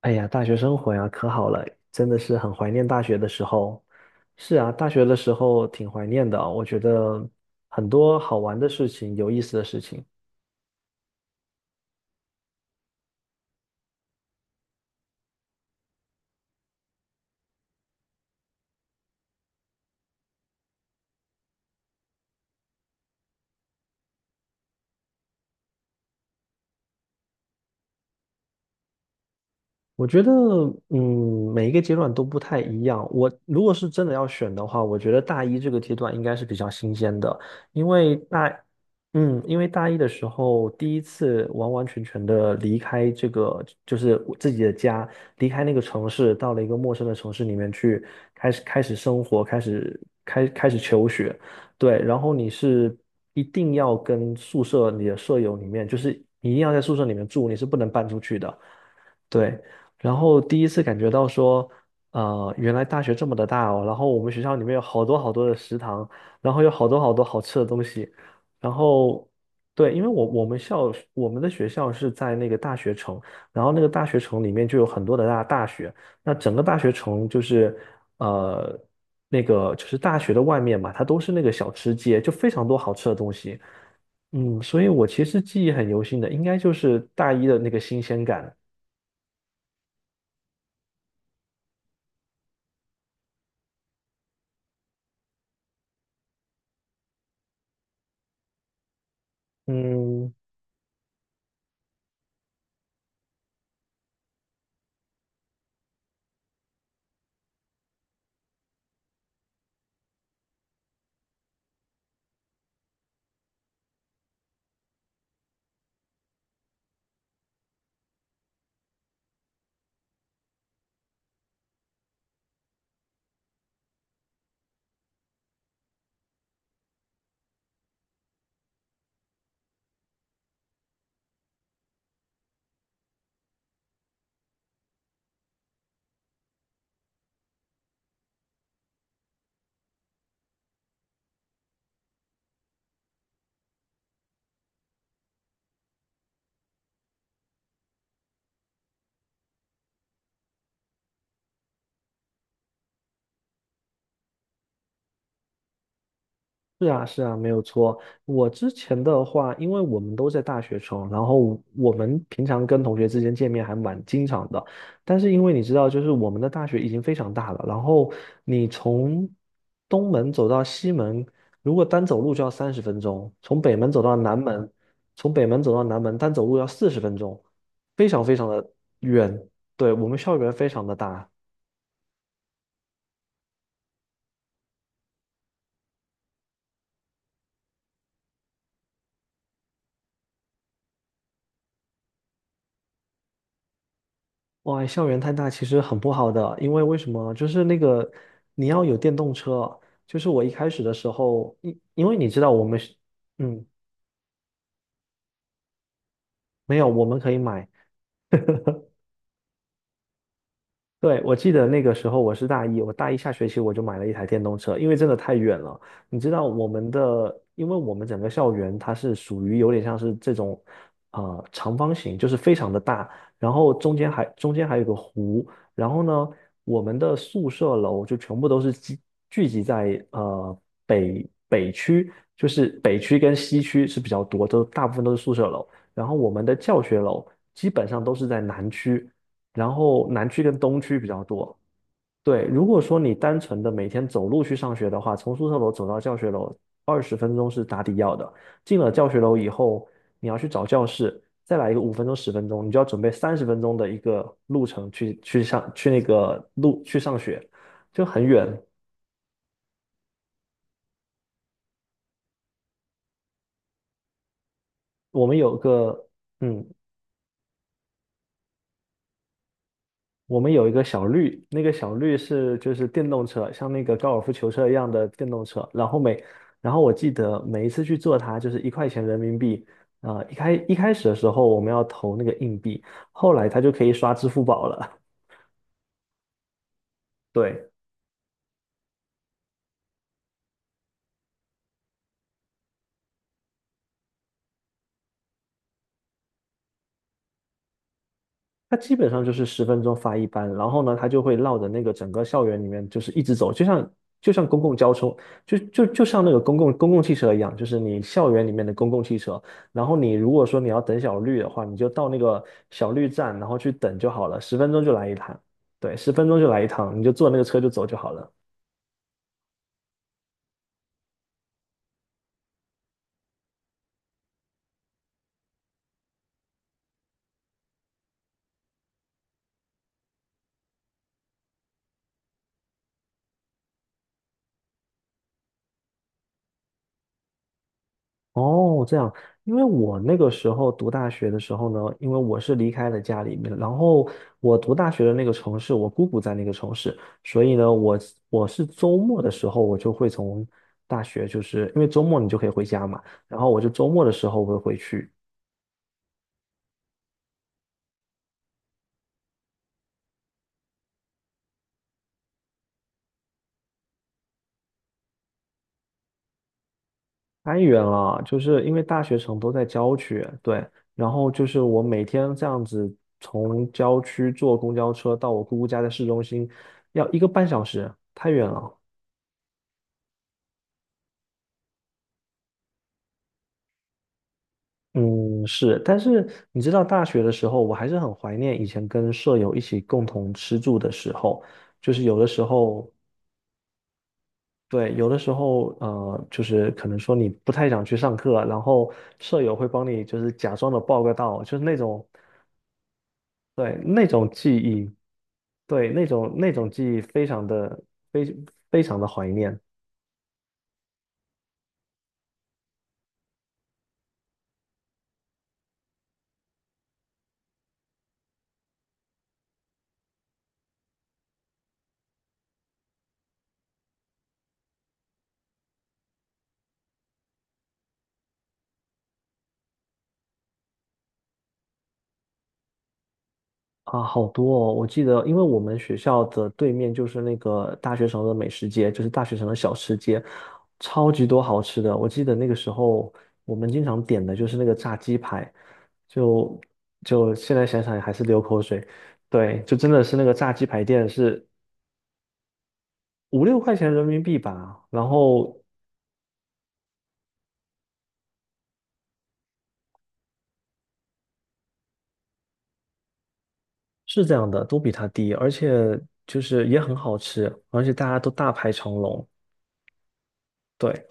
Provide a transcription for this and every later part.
哎呀，大学生活呀，可好了，真的是很怀念大学的时候。是啊，大学的时候挺怀念的啊，我觉得很多好玩的事情，有意思的事情。我觉得，每一个阶段都不太一样。我如果是真的要选的话，我觉得大一这个阶段应该是比较新鲜的，因为大，因为大一的时候第一次完完全全的离开这个，就是我自己的家，离开那个城市，到了一个陌生的城市里面去，开始生活，开始求学，对，然后你是一定要跟宿舍你的舍友里面，就是你一定要在宿舍里面住，你是不能搬出去的。对，然后第一次感觉到说，原来大学这么的大哦，然后我们学校里面有好多好多的食堂，然后有好多好多好吃的东西，然后对，因为我们的学校是在那个大学城，然后那个大学城里面就有很多的大学，那整个大学城就是呃那个就是大学的外面嘛，它都是那个小吃街，就非常多好吃的东西，所以我其实记忆很犹新的，应该就是大一的那个新鲜感。嗯，是啊，是啊，没有错。我之前的话，因为我们都在大学城，然后我们平常跟同学之间见面还蛮经常的。但是因为你知道，就是我们的大学已经非常大了，然后你从东门走到西门，如果单走路就要三十分钟；从北门走到南门单走路要40分钟，非常非常的远。对，我们校园非常的大，哇，校园太大其实很不好的，因为为什么？就是那个你要有电动车，就是我一开始的时候，因为你知道我们是，嗯，没有，我们可以买，对，我记得那个时候我是大一，我大一下学期我就买了一台电动车，因为真的太远了。你知道我们的，因为我们整个校园它是属于有点像是这种，长方形，就是非常的大，然后中间还有个湖，然后呢，我们的宿舍楼就全部都是聚集在北区，就是北区跟西区是比较多，都大部分都是宿舍楼，然后我们的教学楼基本上都是在南区。然后南区跟东区比较多。对，如果说你单纯的每天走路去上学的话，从宿舍楼走到教学楼20分钟是打底要的。进了教学楼以后，你要去找教室，再来一个5分钟、十分钟，你就要准备三十分钟的一个路程去去上去那个路去上学，就很远。我们有个嗯，我们有一个小绿，那个小绿就是电动车，像那个高尔夫球车一样的电动车。然后每，然后我记得每一次去坐它就是1块钱人民币。啊、一开始的时候我们要投那个硬币，后来它就可以刷支付宝了。对，它基本上就是十分钟发一班，然后呢，它就会绕着那个整个校园里面，就是一直走，就像公共交通，就像那个公共汽车一样，就是你校园里面的公共汽车。然后你如果说你要等小绿的话，你就到那个小绿站，然后去等就好了，十分钟就来一趟，对，十分钟就来一趟，你就坐那个车就走就好了。哦，这样，因为我那个时候读大学的时候呢，因为我是离开了家里面，然后我读大学的那个城市，我姑姑在那个城市，所以呢，我是周末的时候，我就会从大学，就是因为周末你就可以回家嘛，然后我就周末的时候我会回去，太远了，就是因为大学城都在郊区，对，然后就是我每天这样子从郊区坐公交车到我姑姑家的市中心，要1个半小时，太远了。嗯，是，但是你知道，大学的时候，我还是很怀念以前跟舍友一起共同吃住的时候，就是有的时候，对，有的时候，就是可能说你不太想去上课，然后舍友会帮你，就是假装的报个到，就是那种，对，那种记忆，对，那种记忆非非常的怀念。啊，好多哦！我记得，因为我们学校的对面就是那个大学城的美食街，就是大学城的小吃街，超级多好吃的。我记得那个时候，我们经常点的就是那个炸鸡排，就就现在想想还是流口水。对，就真的是那个炸鸡排店是5、6块钱人民币吧，然后是这样的，都比它低，而且就是也很好吃，而且大家都大排长龙。对，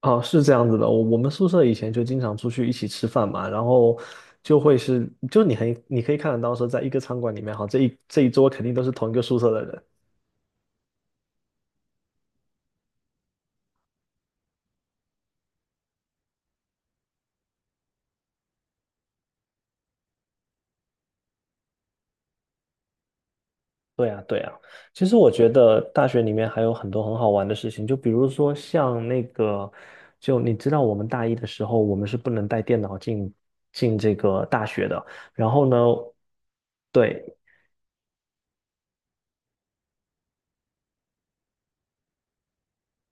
哦，是这样子的，我们宿舍以前就经常出去一起吃饭嘛，然后就会是，就你可以看得到说，在一个餐馆里面，哈，这一桌肯定都是同一个宿舍的人。对啊，对啊。其实我觉得大学里面还有很多很好玩的事情，就比如说像那个，就你知道我们大一的时候，我们是不能带电脑进这个大学的。然后呢，对，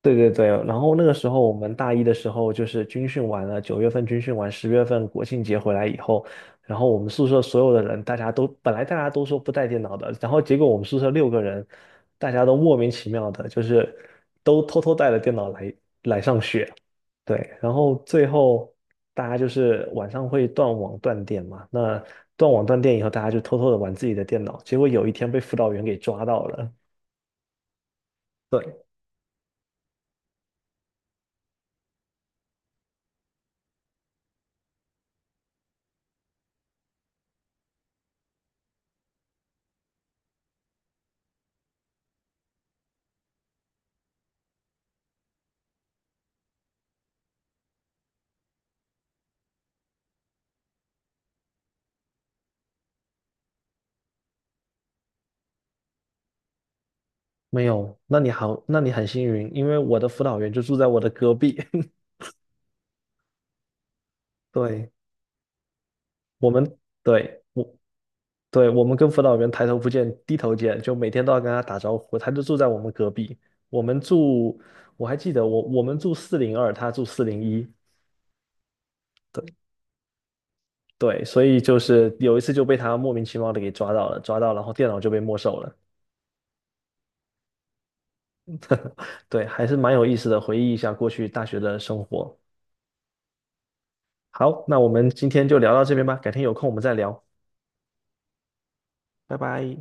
对对对，然后那个时候我们大一的时候就是军训完了，9月份军训完，10月份国庆节回来以后，然后我们宿舍所有的人，大家都本来大家都说不带电脑的，然后结果我们宿舍六个人，大家都莫名其妙的，就是都偷偷带了电脑来上学。对，然后最后大家就是晚上会断网断电嘛，那断网断电以后，大家就偷偷的玩自己的电脑，结果有一天被辅导员给抓到了。对。没有，那你好，那你很幸运，因为我的辅导员就住在我的隔壁。对，我们，对，我，对，我们跟辅导员抬头不见低头见，就每天都要跟他打招呼。他就住在我们隔壁，我们住，我还记得我们住402，他住401。对对，所以就是有一次就被他莫名其妙的给抓到了，抓到，然后电脑就被没收了。对，还是蛮有意思的，回忆一下过去大学的生活。好，那我们今天就聊到这边吧，改天有空我们再聊，拜拜。